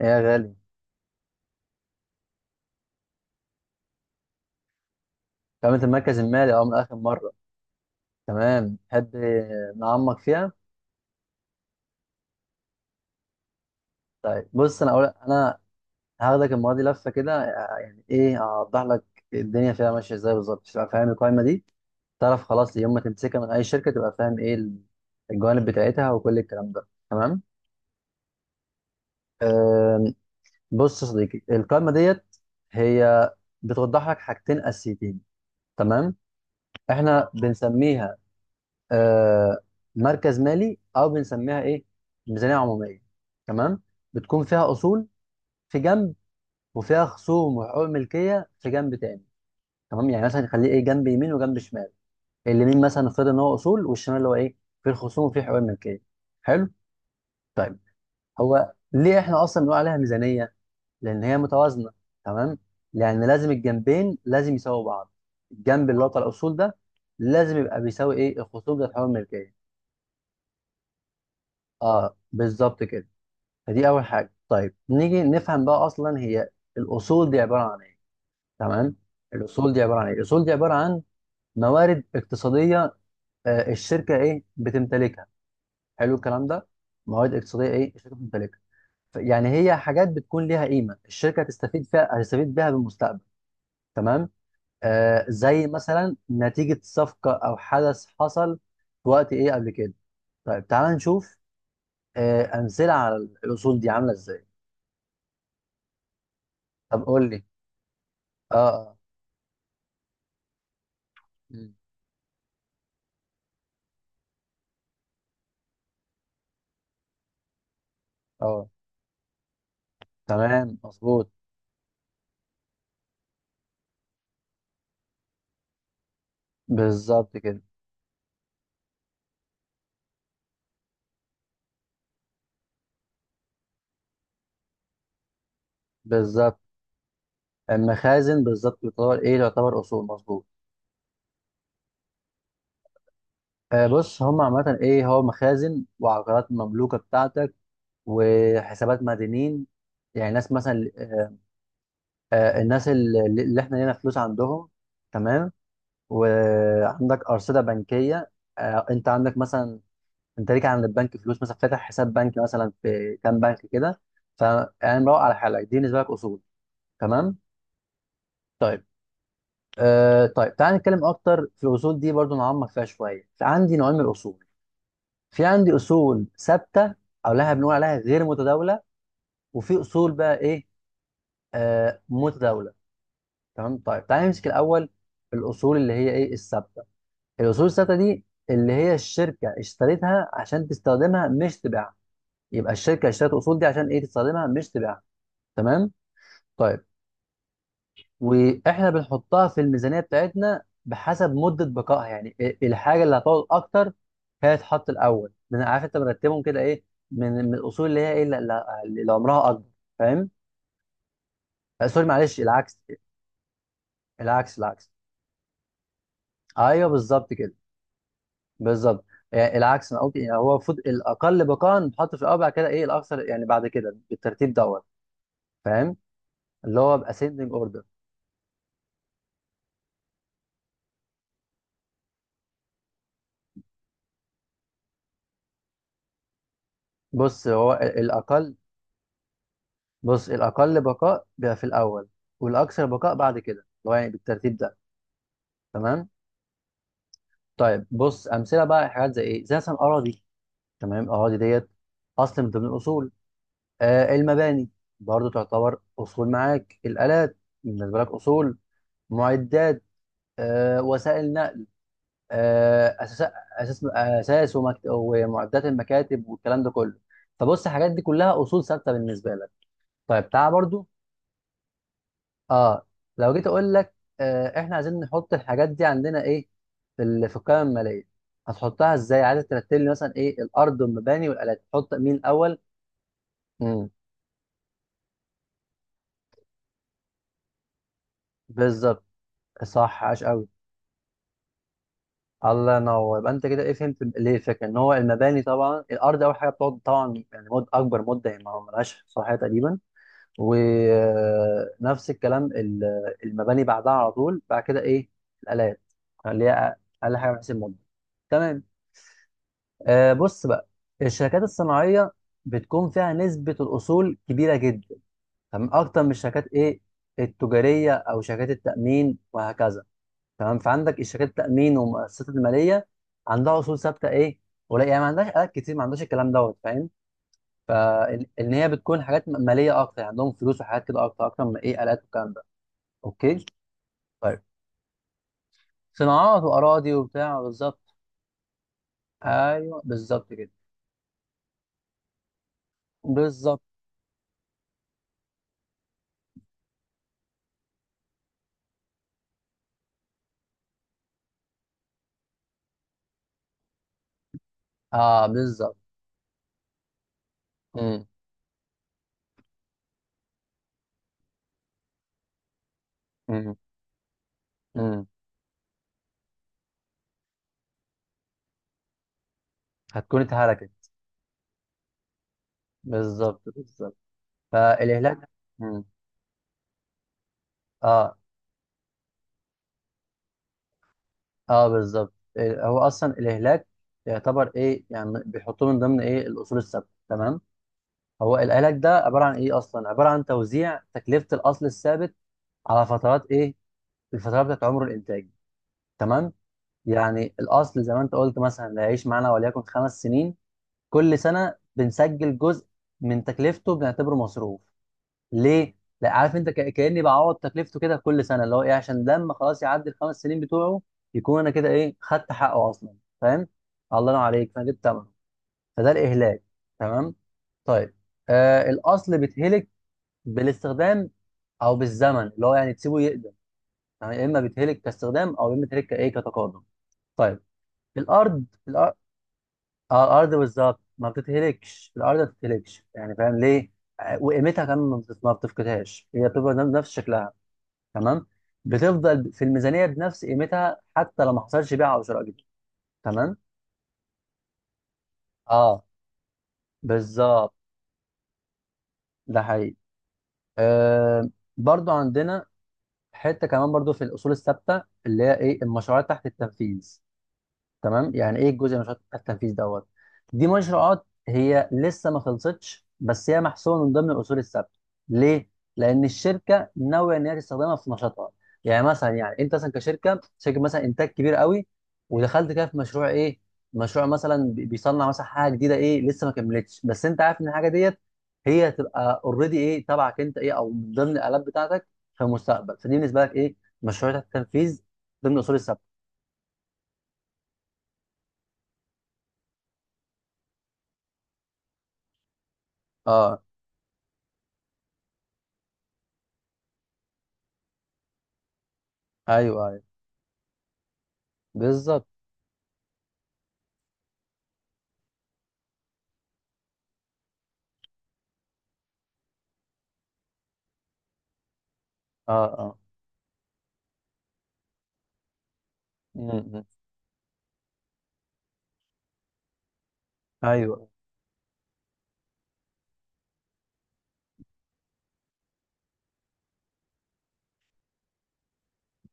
ايه يا غالي. قائمة المركز المالي من آخر مرة. تمام، تحب نعمق فيها؟ طيب بص، أنا هاخدك المرة دي لفة كده، يعني إيه. أوضح لك الدنيا فيها ماشية إزاي بالظبط، تبقى فاهم القائمة دي، تعرف خلاص يوم ما تمسكها من أي شركة تبقى فاهم إيه الجوانب بتاعتها وكل الكلام ده. تمام. أم، بص يا صديقي، القائمة ديت هي بتوضح لك حاجتين أساسيتين. تمام، إحنا بنسميها آه، مركز مالي او بنسميها ايه، ميزانيه عموميه. تمام، بتكون فيها اصول في جنب، وفيها خصوم وحقوق ملكيه في جنب تاني. تمام، يعني مثلا نخليه ايه، جنب يمين وجنب شمال، اليمين مثلا نفترض ان هو اصول، والشمال اللي هو ايه، في الخصوم وفي حقوق الملكيه. حلو. طيب، هو ليه احنا اصلا بنقول عليها ميزانيه؟ لان هي متوازنه. تمام، لان لازم الجنبين لازم يساووا بعض. الجنب اللي هو بتاع الاصول ده لازم يبقى بيساوي ايه، الخصوم بتاع حقوق الملكيه. اه بالظبط كده. فدي اول حاجه. طيب، نيجي نفهم بقى اصلا هي الاصول دي عباره عن ايه. تمام. الاصول دي عباره عن ايه؟ الاصول دي عباره عن موارد اقتصاديه، الشركه ايه بتمتلكها. حلو الكلام ده. موارد اقتصاديه ايه الشركه بتمتلكها، يعني هي حاجات بتكون ليها قيمه، الشركه هتستفيد فيها، هتستفيد بيها بالمستقبل. تمام. زي مثلا نتيجه صفقه او حدث حصل في وقت ايه قبل كده. طيب تعال نشوف امثله على الاصول دي عامله ازاي. طب قول لي. اه، اه، اه. تمام مظبوط، بالظبط كده. بالظبط. المخازن بالظبط يعتبر ايه، تعتبر اصول، مظبوط. بص هم عامه ايه، هو مخازن وعقارات مملوكه بتاعتك، وحسابات مدينين، يعني ناس مثلا، الناس اللي احنا لينا فلوس عندهم. تمام. وعندك ارصده بنكيه. انت عندك مثلا، انت ليك عند البنك فلوس، مثلا فاتح حساب بنكي مثلا في كام بنك كده، فيعني مروق على حالك. دي بالنسبه لك اصول. تمام. طيب، طيب تعال نتكلم اكتر في الاصول دي، برضو نعمق فيها شويه. فعندي نوعين من الاصول، في عندي اصول ثابته او لها بنقول عليها غير متداوله، وفي اصول بقى ايه، متداوله. تمام. طيب تعال نمسك الاول الاصول اللي هي ايه، الثابته. الاصول الثابته دي اللي هي الشركه اشتريتها عشان تستخدمها مش تبيعها. يبقى الشركه اشترت الاصول دي عشان ايه، تستخدمها مش تبيعها. تمام. طيب، واحنا بنحطها في الميزانيه بتاعتنا بحسب مده بقائها، يعني الحاجه اللي هتقعد اكتر هي تتحط الاول، من عارف انت مرتبهم كده ايه، من الاصول اللي هي ايه، اللي عمرها اكبر، فاهم. سوري معلش، العكس، العكس العكس. ايوه بالظبط كده، بالظبط. يعني العكس، انا قلت يعني هو المفروض الاقل بقاء بتحط في الاول، بعد كده ايه الاكثر، يعني بعد كده بالترتيب دوت، فاهم؟ اللي هو باسcending اوردر. بص هو الاقل، بص الأقل بقاء بيبقى في الأول، والأكثر بقاء بعد كده اللي هو يعني بالترتيب ده. تمام. طيب بص، أمثلة بقى حاجات زي إيه، زي مثلا أراضي. تمام، الأراضي ديت أصل من ضمن الأصول. آه المباني برضو تعتبر أصول، معاك الآلات، بالنسبة لك أصول، معدات، وسائل نقل، أساس أساس أساس ومعدات المكاتب والكلام ده كله. فبص الحاجات دي كلها أصول ثابتة بالنسبة لك. طيب تعال برضو، اه لو جيت اقول لك احنا عايزين نحط الحاجات دي عندنا ايه، في في القائمه الماليه. هتحطها ازاي، عايز ترتب لي مثلا ايه، الارض والمباني والالات تحط مين الاول. امم بالظبط، صح، عاش قوي. الله ينور، يبقى انت كده ايه فهمت ليه الفكره ان هو المباني طبعا، الارض اول حاجه بتقعد طبعا، يعني مد اكبر مده، يعني ما ملهاش صحيح تقريبا. ونفس الكلام المباني بعدها على طول. بعد كده ايه، الالات، اللي هي اقل حاجه بحيث المده. تمام. بص بقى، الشركات الصناعية بتكون فيها نسبة الأصول كبيرة جدا. تمام، أكتر من الشركات إيه، التجارية أو شركات التأمين وهكذا. تمام، فعندك الشركات التأمين والمؤسسات المالية، عندها أصول ثابتة إيه، ولا يعني ما عندهاش آلات كتير، ما عندهاش الكلام دوت، فاهم. فإن هي بتكون حاجات مالية أكتر، يعني عندهم فلوس وحاجات كده أكتر أكتر من إيه، آلات والكلام ده. أوكي. طيب، صناعات وأراضي وبتاع، بالظبط. أيوه بالظبط كده، بالظبط. أه بالظبط. امم هتكون اتهلكت. بالظبط، بالظبط. فالإهلاك. مم. اه، اه. بالظبط. إيه، هو أصلا الإهلاك يعتبر إيه، يعني بيحطوه من ضمن إيه، الأصول الثابتة. تمام. هو الإهلاك ده عبارة عن إيه أصلا، عبارة عن توزيع تكلفة الأصل الثابت على فترات إيه، الفترات بتاعت عمر الإنتاج. تمام. يعني الأصل زي ما أنت قلت مثلا، اللي هيعيش معانا وليكن 5 سنين. كل سنة بنسجل جزء من تكلفته بنعتبره مصروف. ليه؟ لا عارف انت كاني بعوض تكلفته كده كل سنه، اللي هو ايه، عشان لما خلاص يعدي الخمس سنين بتوعه يكون انا كده ايه، خدت حقه اصلا، فاهم؟ الله ينور عليك. فانا جبت ثمنه، فده الاهلاك. تمام؟ طيب. الاصل بيتهلك بالاستخدام، او بالزمن اللي هو يعني تسيبه يقدم، يعني يا اما بيتهلك كاستخدام، او يا اما بيتهلك كايه، كتقادم. طيب. الارض, الأرض بالظبط ما بتتهلكش، الارض ما بتتهلكش، يعني فاهم ليه؟ وقيمتها كمان ما بتفقدهاش، هي بتبقى نفس شكلها. تمام. بتفضل في الميزانيه بنفس قيمتها حتى لو ما حصلش بيع او شراء جديد. تمام. اه بالظبط، ده حقيقي. آه برضو عندنا حته كمان برضو في الاصول الثابته اللي هي ايه، المشروعات تحت التنفيذ. تمام، يعني ايه، الجزء من مشروع التنفيذ دوت. دي مشروعات هي لسه ما خلصتش، بس هي محسوبه من ضمن الاصول الثابته. ليه؟ لان الشركه ناويه ان هي تستخدمها في نشاطها. يعني مثلا، يعني انت مثلا شركه مثلا انتاج كبير قوي، ودخلت كده في مشروع ايه، مشروع مثلا بيصنع مثلا حاجه جديده ايه، لسه ما كملتش، بس انت عارف ان الحاجه ديت هي هتبقى اوريدي ايه، تبعك انت ايه، او من ضمن الالات بتاعتك في المستقبل. فدي بالنسبه لك ايه، مشروع تحت التنفيذ، ضمن الاصول الثابته. اه، ايوه، أيوه. بالظبط، اه، اه، م. ايوه،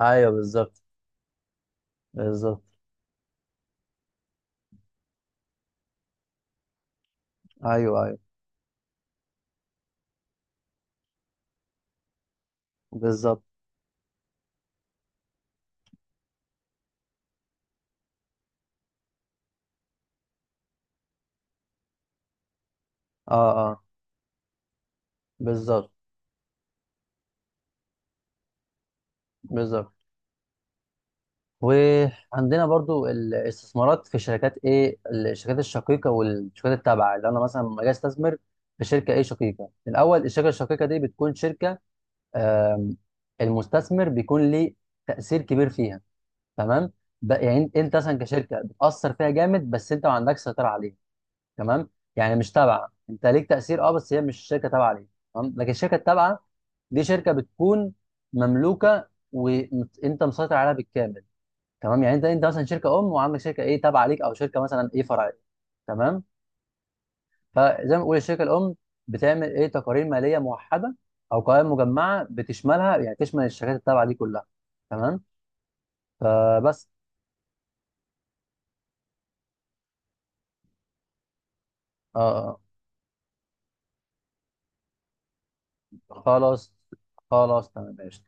ايوه، بالظبط، بالظبط. ايوه، ايوه، بالظبط. اه، اه، بالظبط، بالظبط. وعندنا برضو الاستثمارات في شركات ايه، الشركات الشقيقه والشركات التابعه، اللي انا مثلا لما اجي استثمر في شركه ايه، شقيقه الاول. الشركه الشقيقه دي بتكون شركه، آم، المستثمر بيكون ليه تاثير كبير فيها. تمام، يعني انت مثلا كشركه بتاثر فيها جامد بس انت ما عندكش سيطره عليها. تمام، يعني مش تابعه، انت ليك تاثير بس هي مش شركه تابعه ليك. تمام، لكن الشركه التابعه دي شركه بتكون مملوكه وانت مسيطر عليها بالكامل. تمام، يعني انت مثلا شركه ام وعندك شركه ايه، تابعه ليك او شركه مثلا ايه، فرعيه. تمام، فزي ما بقول الشركه الام بتعمل ايه، تقارير ماليه موحده او قوائم مجمعه بتشملها، يعني تشمل الشركات التابعه دي كلها. تمام. فبس آه آه. خلاص خلاص، تمام ماشي.